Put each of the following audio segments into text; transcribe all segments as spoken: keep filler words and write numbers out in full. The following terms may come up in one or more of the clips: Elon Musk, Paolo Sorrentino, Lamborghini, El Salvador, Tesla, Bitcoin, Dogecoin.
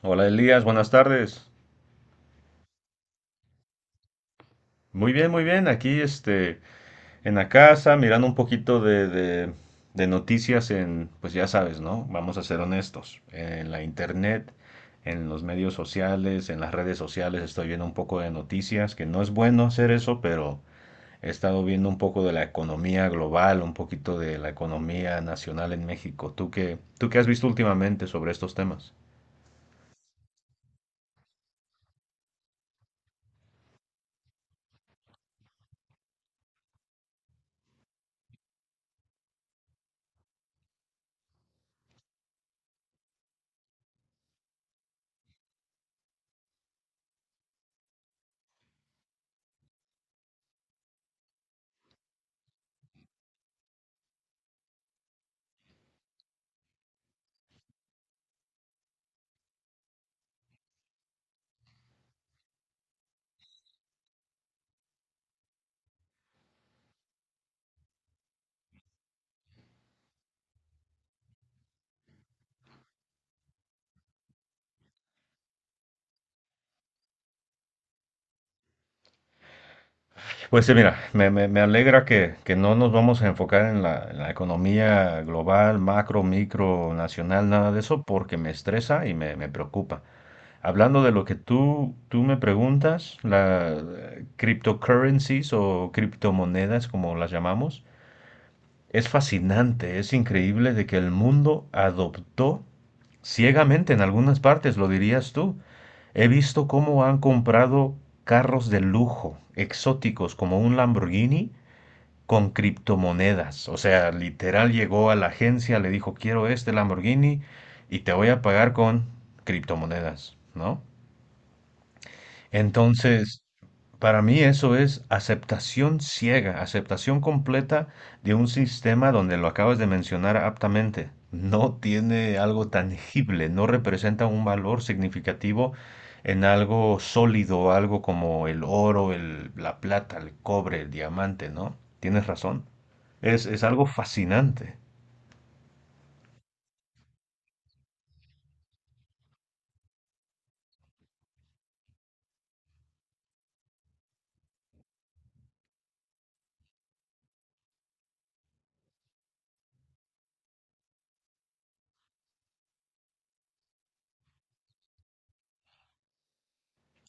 Hola Elías, buenas tardes. Muy bien, muy bien. Aquí este, en la casa, mirando un poquito de, de- de noticias en, pues ya sabes, ¿no? Vamos a ser honestos. En la internet, en los medios sociales, en las redes sociales, estoy viendo un poco de noticias, que no es bueno hacer eso, pero he estado viendo un poco de la economía global, un poquito de la economía nacional en México. ¿Tú qué, tú qué has visto últimamente sobre estos temas? Pues sí, mira, me, me- me alegra que, que no nos vamos a enfocar en la, en la economía global, macro, micro, nacional, nada de eso, porque me estresa y me, me preocupa. Hablando de lo que tú, tú me preguntas, las cryptocurrencies o criptomonedas, como las llamamos, es fascinante, es increíble de que el mundo adoptó ciegamente en algunas partes, lo dirías tú. He visto cómo han comprado carros de lujo, exóticos, como un Lamborghini con criptomonedas. O sea, literal llegó a la agencia, le dijo, quiero este Lamborghini y te voy a pagar con criptomonedas, ¿no? Entonces, para mí eso es aceptación ciega, aceptación completa de un sistema donde lo acabas de mencionar aptamente. No tiene algo tangible, no representa un valor significativo en algo sólido, algo como el oro, el- la plata, el cobre, el diamante, ¿no? Tienes razón. Es, es algo fascinante.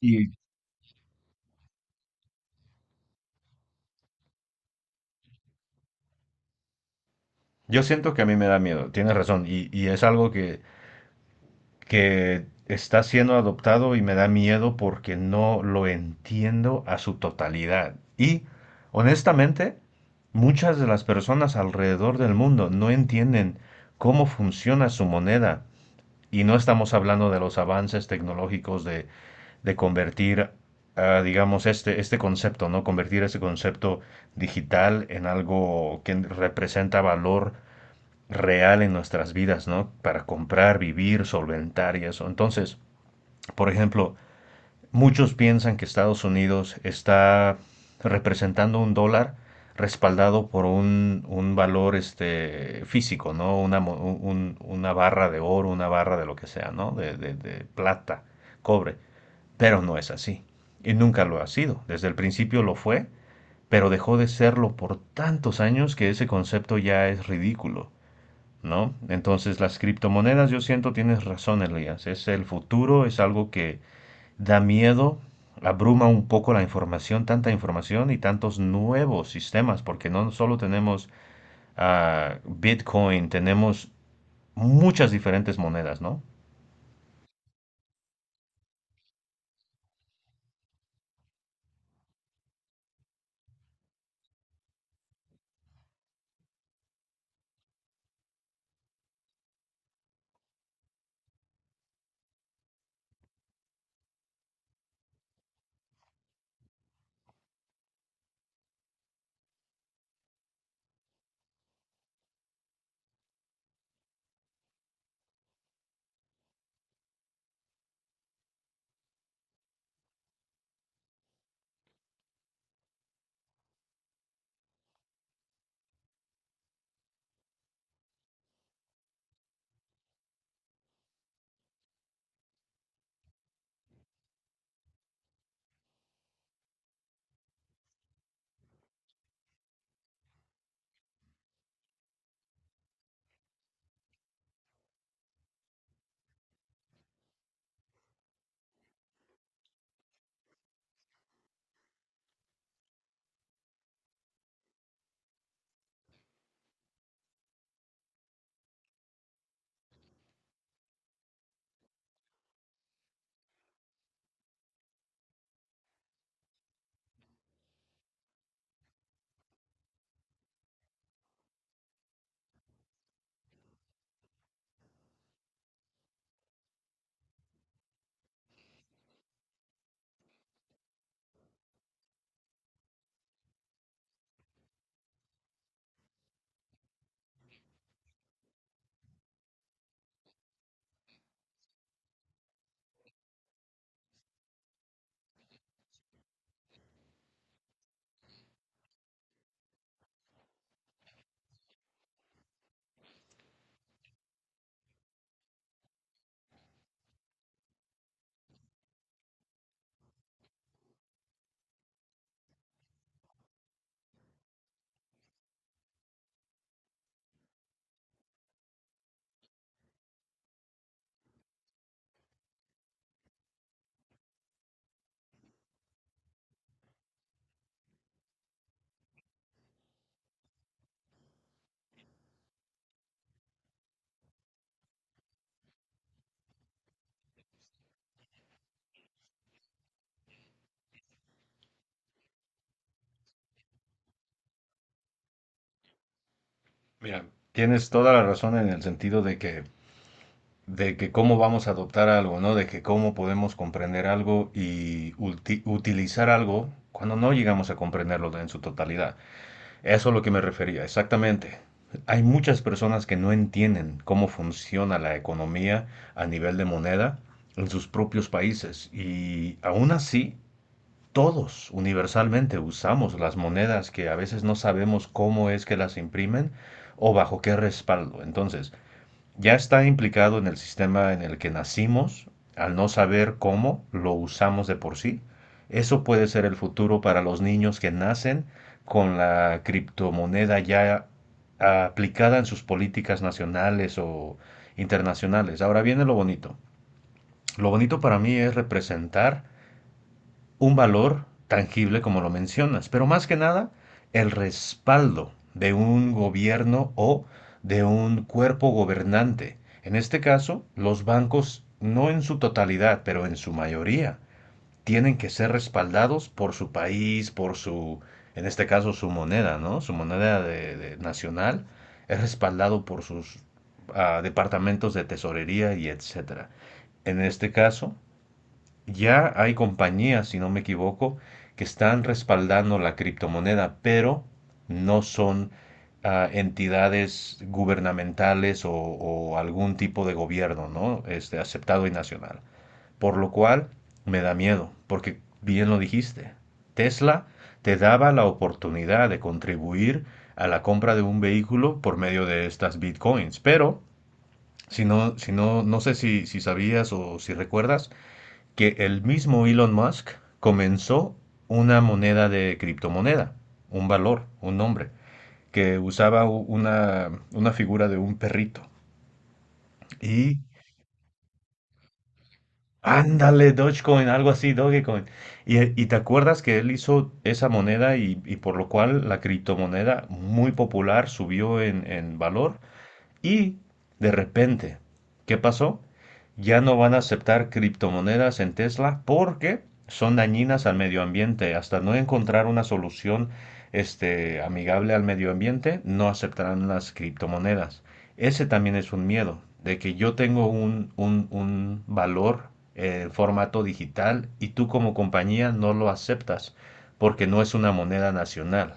Y yo siento que a mí me da miedo, tienes razón. Y, y es algo que que está siendo adoptado y me da miedo porque no lo entiendo a su totalidad. Y honestamente, muchas de las personas alrededor del mundo no entienden cómo funciona su moneda. Y no estamos hablando de los avances tecnológicos de, de convertir, ah, digamos, este, este concepto, ¿no? Convertir ese concepto digital en algo que representa valor real en nuestras vidas, ¿no? Para comprar, vivir, solventar y eso. Entonces, por ejemplo, muchos piensan que Estados Unidos está representando un dólar respaldado por un, un valor este, físico, ¿no? Una, un- una barra de oro, una barra de lo que sea, ¿no? De, de- de plata, cobre. Pero no es así. Y nunca lo ha sido. Desde el principio lo fue, pero dejó de serlo por tantos años que ese concepto ya es ridículo, ¿no? Entonces las criptomonedas, yo siento, tienes razón, Elías, es el futuro, es algo que da miedo, abruma un poco la información, tanta información y tantos nuevos sistemas, porque no solo tenemos ah, Bitcoin, tenemos muchas diferentes monedas, ¿no? Mira, tienes toda la razón en el sentido de que, de que cómo vamos a adoptar algo, ¿no? De que cómo podemos comprender algo y ulti- utilizar algo cuando no llegamos a comprenderlo en su totalidad. Eso es lo que me refería, exactamente. Hay muchas personas que no entienden cómo funciona la economía a nivel de moneda en sus propios países y aún así todos universalmente usamos las monedas que a veces no sabemos cómo es que las imprimen o bajo qué respaldo. Entonces, ya está implicado en el sistema en el que nacimos, al no saber cómo lo usamos de por sí. Eso puede ser el futuro para los niños que nacen con la criptomoneda ya aplicada en sus políticas nacionales o internacionales. Ahora viene lo bonito. Lo bonito para mí es representar un valor tangible como lo mencionas, pero más que nada el respaldo de un gobierno o de un cuerpo gobernante. En este caso, los bancos, no en su totalidad, pero en su mayoría, tienen que ser respaldados por su país, por su, en este caso, su moneda, ¿no? Su moneda de- de- nacional es respaldado por sus ah, departamentos de tesorería y etcétera. En este caso, ya hay compañías, si no me equivoco, que están respaldando la criptomoneda, pero no son ah, entidades gubernamentales o, o algún tipo de gobierno, ¿no? Este, aceptado y nacional. Por lo cual me da miedo, porque bien lo dijiste, Tesla te daba la oportunidad de contribuir a la compra de un vehículo por medio de estas bitcoins, pero si no, si no, no sé si, si sabías o si recuerdas, que el mismo Elon Musk comenzó una moneda de criptomoneda, un valor, un nombre, que usaba u- una, una figura de un perrito. Y ándale, Dogecoin, algo así, Dogecoin. Y, y te acuerdas que él hizo esa moneda y, y por lo cual la criptomoneda muy popular subió en, en valor. Y de repente, ¿qué pasó? Ya no van a aceptar criptomonedas en Tesla porque son dañinas al medio ambiente. Hasta no encontrar una solución este, amigable al medio ambiente, no aceptarán las criptomonedas. Ese también es un miedo, de que yo tengo un, un, un valor en eh, formato digital y tú como compañía no lo aceptas porque no es una moneda nacional.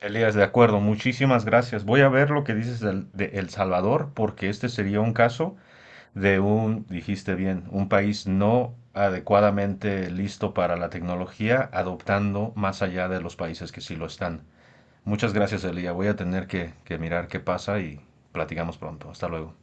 Elías, de acuerdo, muchísimas gracias. Voy a ver lo que dices del- de El Salvador, porque este sería un caso de un, dijiste bien, un país no adecuadamente listo para la tecnología, adoptando más allá de los países que sí lo están. Muchas gracias, Elías. Voy a tener que, que mirar qué pasa y platicamos pronto. Hasta luego.